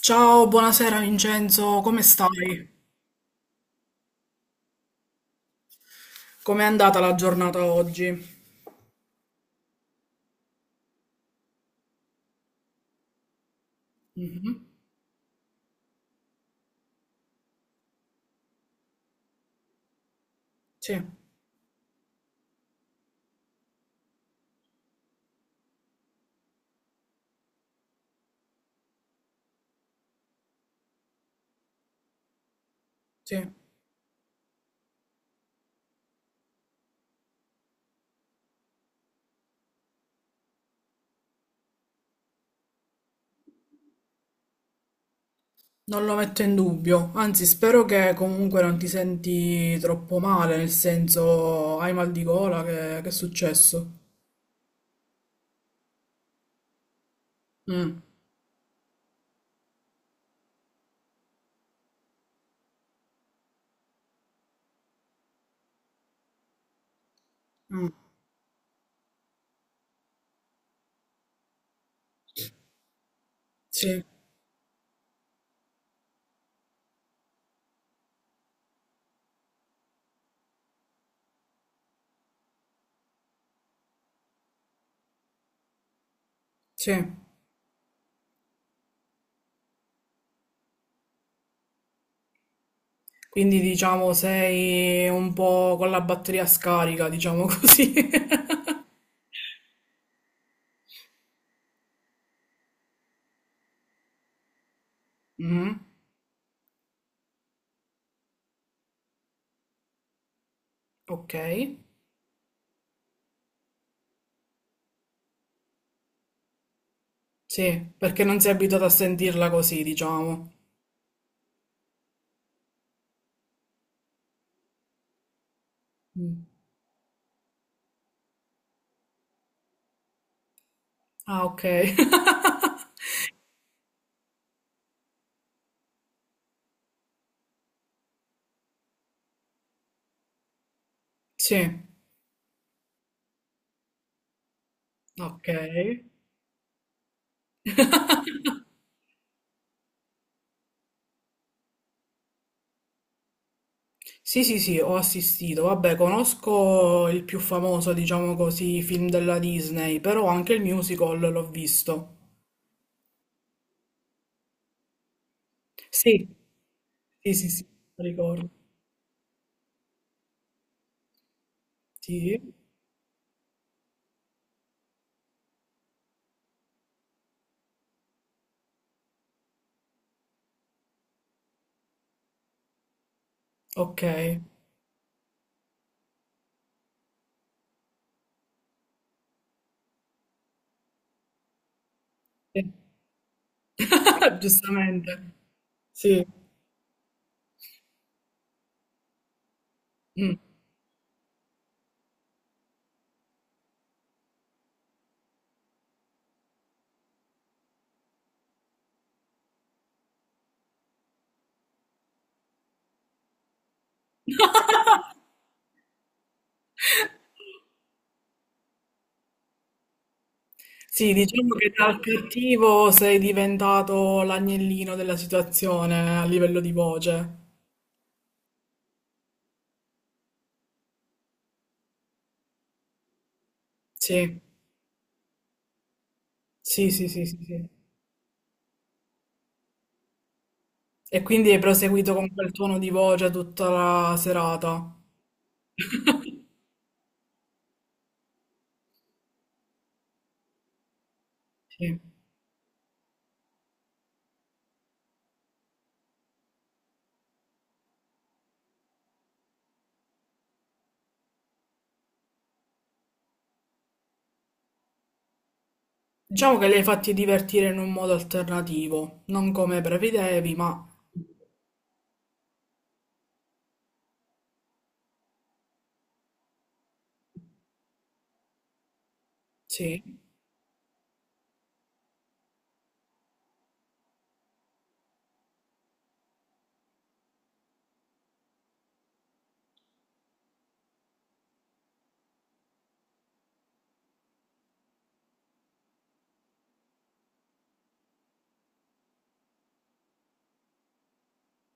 Ciao, buonasera Vincenzo, come stai? Com'è andata la giornata oggi? Sì, sì, non lo metto in dubbio, anzi spero che comunque non ti senti troppo male, nel senso hai mal di gola, che è successo? Mm, mm, sì, sì. Quindi diciamo sei un po' con la batteria scarica, diciamo così. Mm, ok, sì, perché non sei abituato a sentirla così, diciamo. Mm. Ah, ok. Sì, ok. Sì, sì, sì, ho assistito. Vabbè, conosco il più famoso, diciamo così, film della Disney, però anche il musical l'ho visto. Sì, sì, sì, sì, lo ricordo. Sì, ok. Sì. Giustamente. Sì. Mm. Sì, diciamo che dal cattivo sei diventato l'agnellino della situazione a livello di voce. Sì, sì, sì, sì, sì, sì. E quindi hai proseguito con quel tono di voce tutta la serata. Sì. Diciamo che li hai fatti divertire in un modo alternativo, non come prevedevi, ma sì.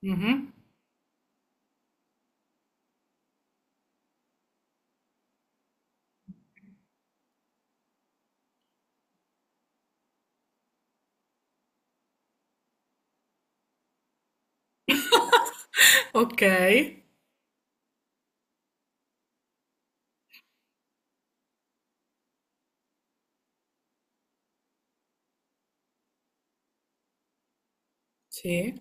Mhm. Ok, sì.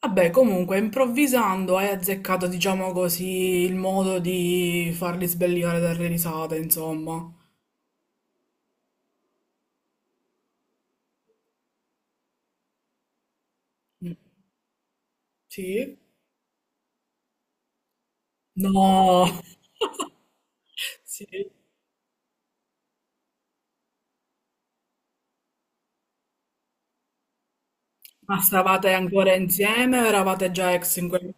Vabbè, comunque, improvvisando hai azzeccato, diciamo così, il modo di farli sbellicare dalle risate, insomma. Mm. Sì? No! Sì. Ma stavate ancora insieme o eravate già ex in quel?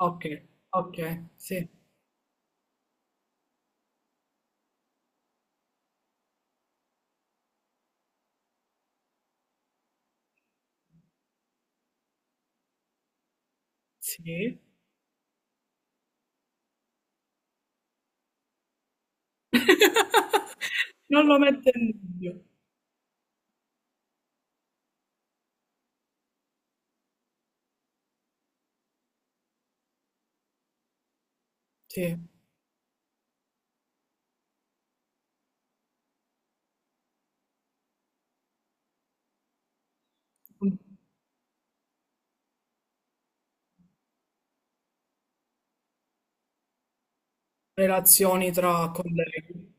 Okay, okay, sì, sì. Non lo metto in dubbio. Sì, mh, relazioni tra colleghi.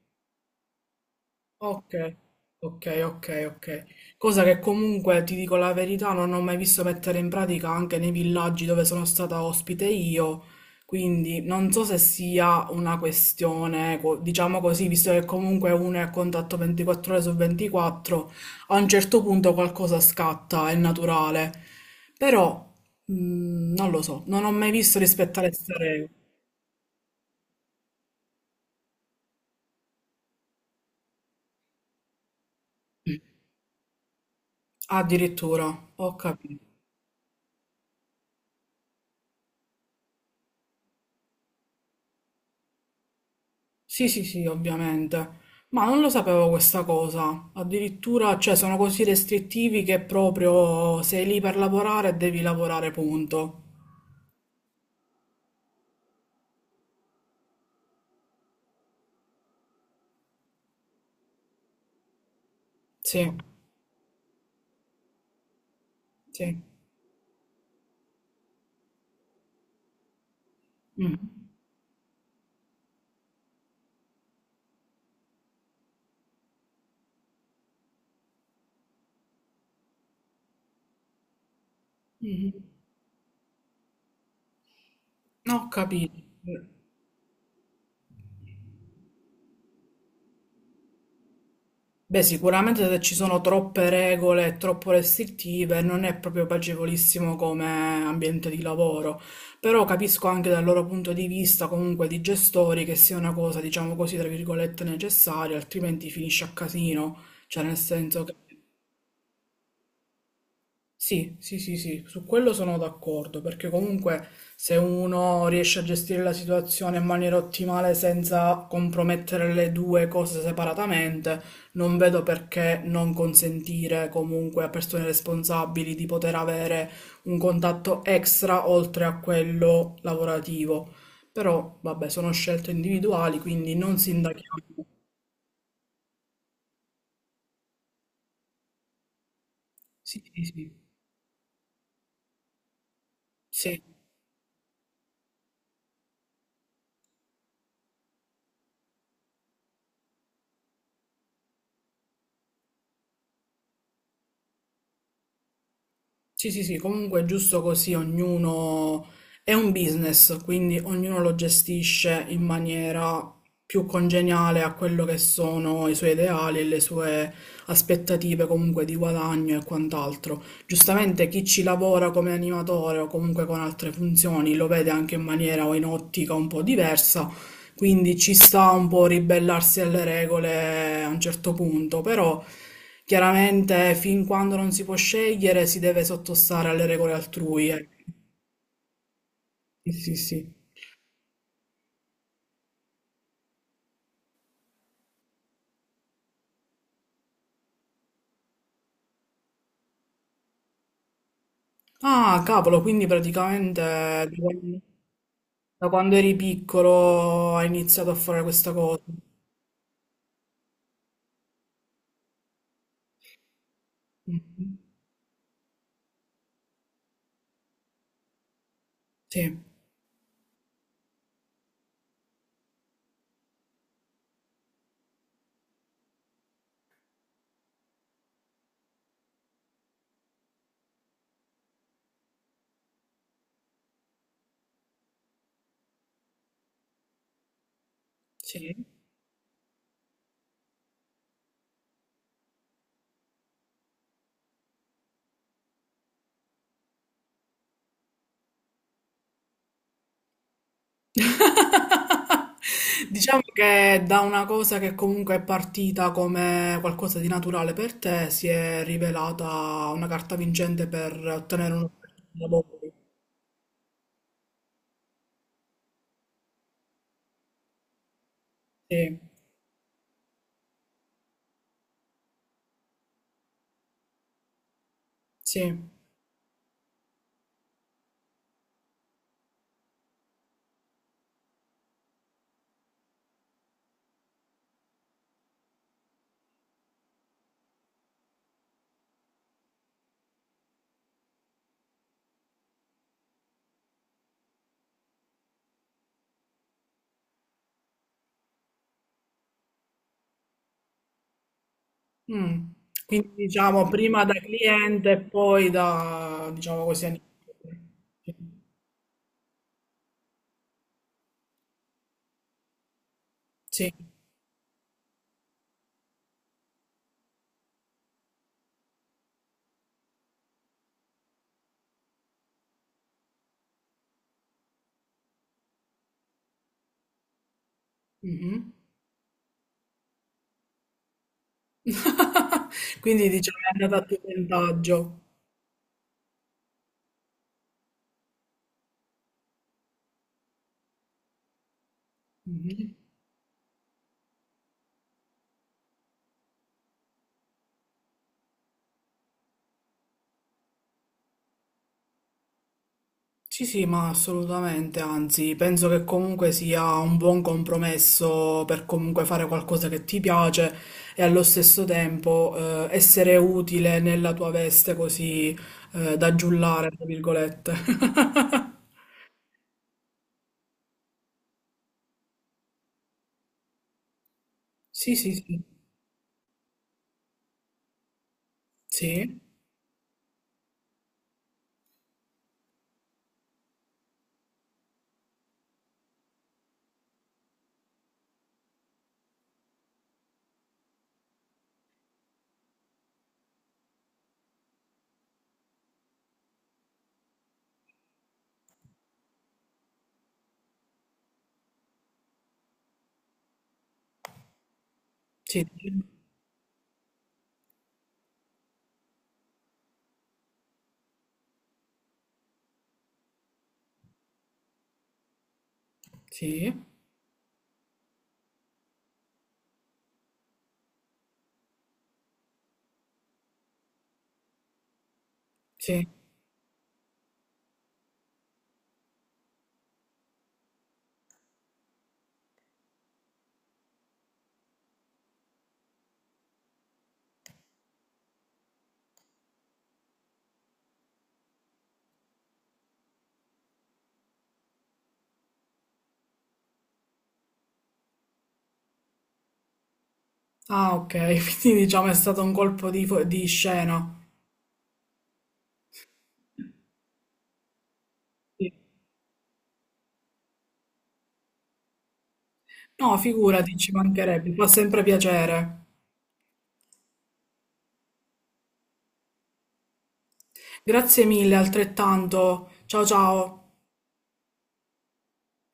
Ok, ok, ok, ok. Cosa che comunque ti dico la verità, non ho mai visto mettere in pratica anche nei villaggi dove sono stata ospite io, quindi non so se sia una questione, diciamo così, visto che comunque uno è a contatto 24 ore su 24, a un certo punto qualcosa scatta, è naturale. Però non lo so, non ho mai visto rispettare queste regole. Addirittura, ho capito. Sì, sì, sì, ovviamente. Ma non lo sapevo questa cosa. Addirittura, cioè, sono così restrittivi che proprio sei lì per lavorare, devi lavorare, punto. Sì, sì. Mm. Mhm. No, ho capito. Beh, sicuramente se ci sono troppe regole e troppo restrittive non è proprio piacevolissimo come ambiente di lavoro, però capisco anche dal loro punto di vista comunque di gestori che sia una cosa, diciamo così, tra virgolette necessaria, altrimenti finisce a casino, cioè nel senso che sì, sì, sì, sì, su quello sono d'accordo, perché comunque se uno riesce a gestire la situazione in maniera ottimale senza compromettere le due cose separatamente, non vedo perché non consentire comunque a persone responsabili di poter avere un contatto extra oltre a quello lavorativo. Però, vabbè, sono scelte individuali, quindi non sindachiamo. Sì, sì, sì. Sì. Sì, sì, sì, comunque è giusto così, ognuno è un business, quindi ognuno lo gestisce in maniera più congeniale a quello che sono i suoi ideali e le sue aspettative comunque di guadagno e quant'altro. Giustamente chi ci lavora come animatore o comunque con altre funzioni lo vede anche in maniera o in ottica un po' diversa, quindi ci sta un po' ribellarsi alle regole a un certo punto, però chiaramente fin quando non si può scegliere si deve sottostare alle regole altrui. Eh. Sì, sì, sì. Ah, cavolo, quindi praticamente da quando eri piccolo hai iniziato a fare questa cosa. Mhm. Sì, sì. Diciamo che da una cosa che comunque è partita come qualcosa di naturale per te, si è rivelata una carta vincente per ottenere un lavoro. Sì, sì. Mm. Quindi diciamo prima da cliente e poi da, diciamo così, animatore. Sì. Mhm. Quindi diciamo è andata a tuo vantaggio. Mhm. Sì, sì, ma assolutamente, anzi, penso che comunque sia un buon compromesso per comunque fare qualcosa che ti piace e allo stesso tempo essere utile nella tua veste così da giullare, tra virgolette. Sì, sì, sì, sì, sì, sì, sì. Ah, ok, quindi diciamo è stato un colpo di, di scena. Sì. No, figurati, ci mancherebbe, fa sempre piacere. Grazie mille, altrettanto. Ciao ciao.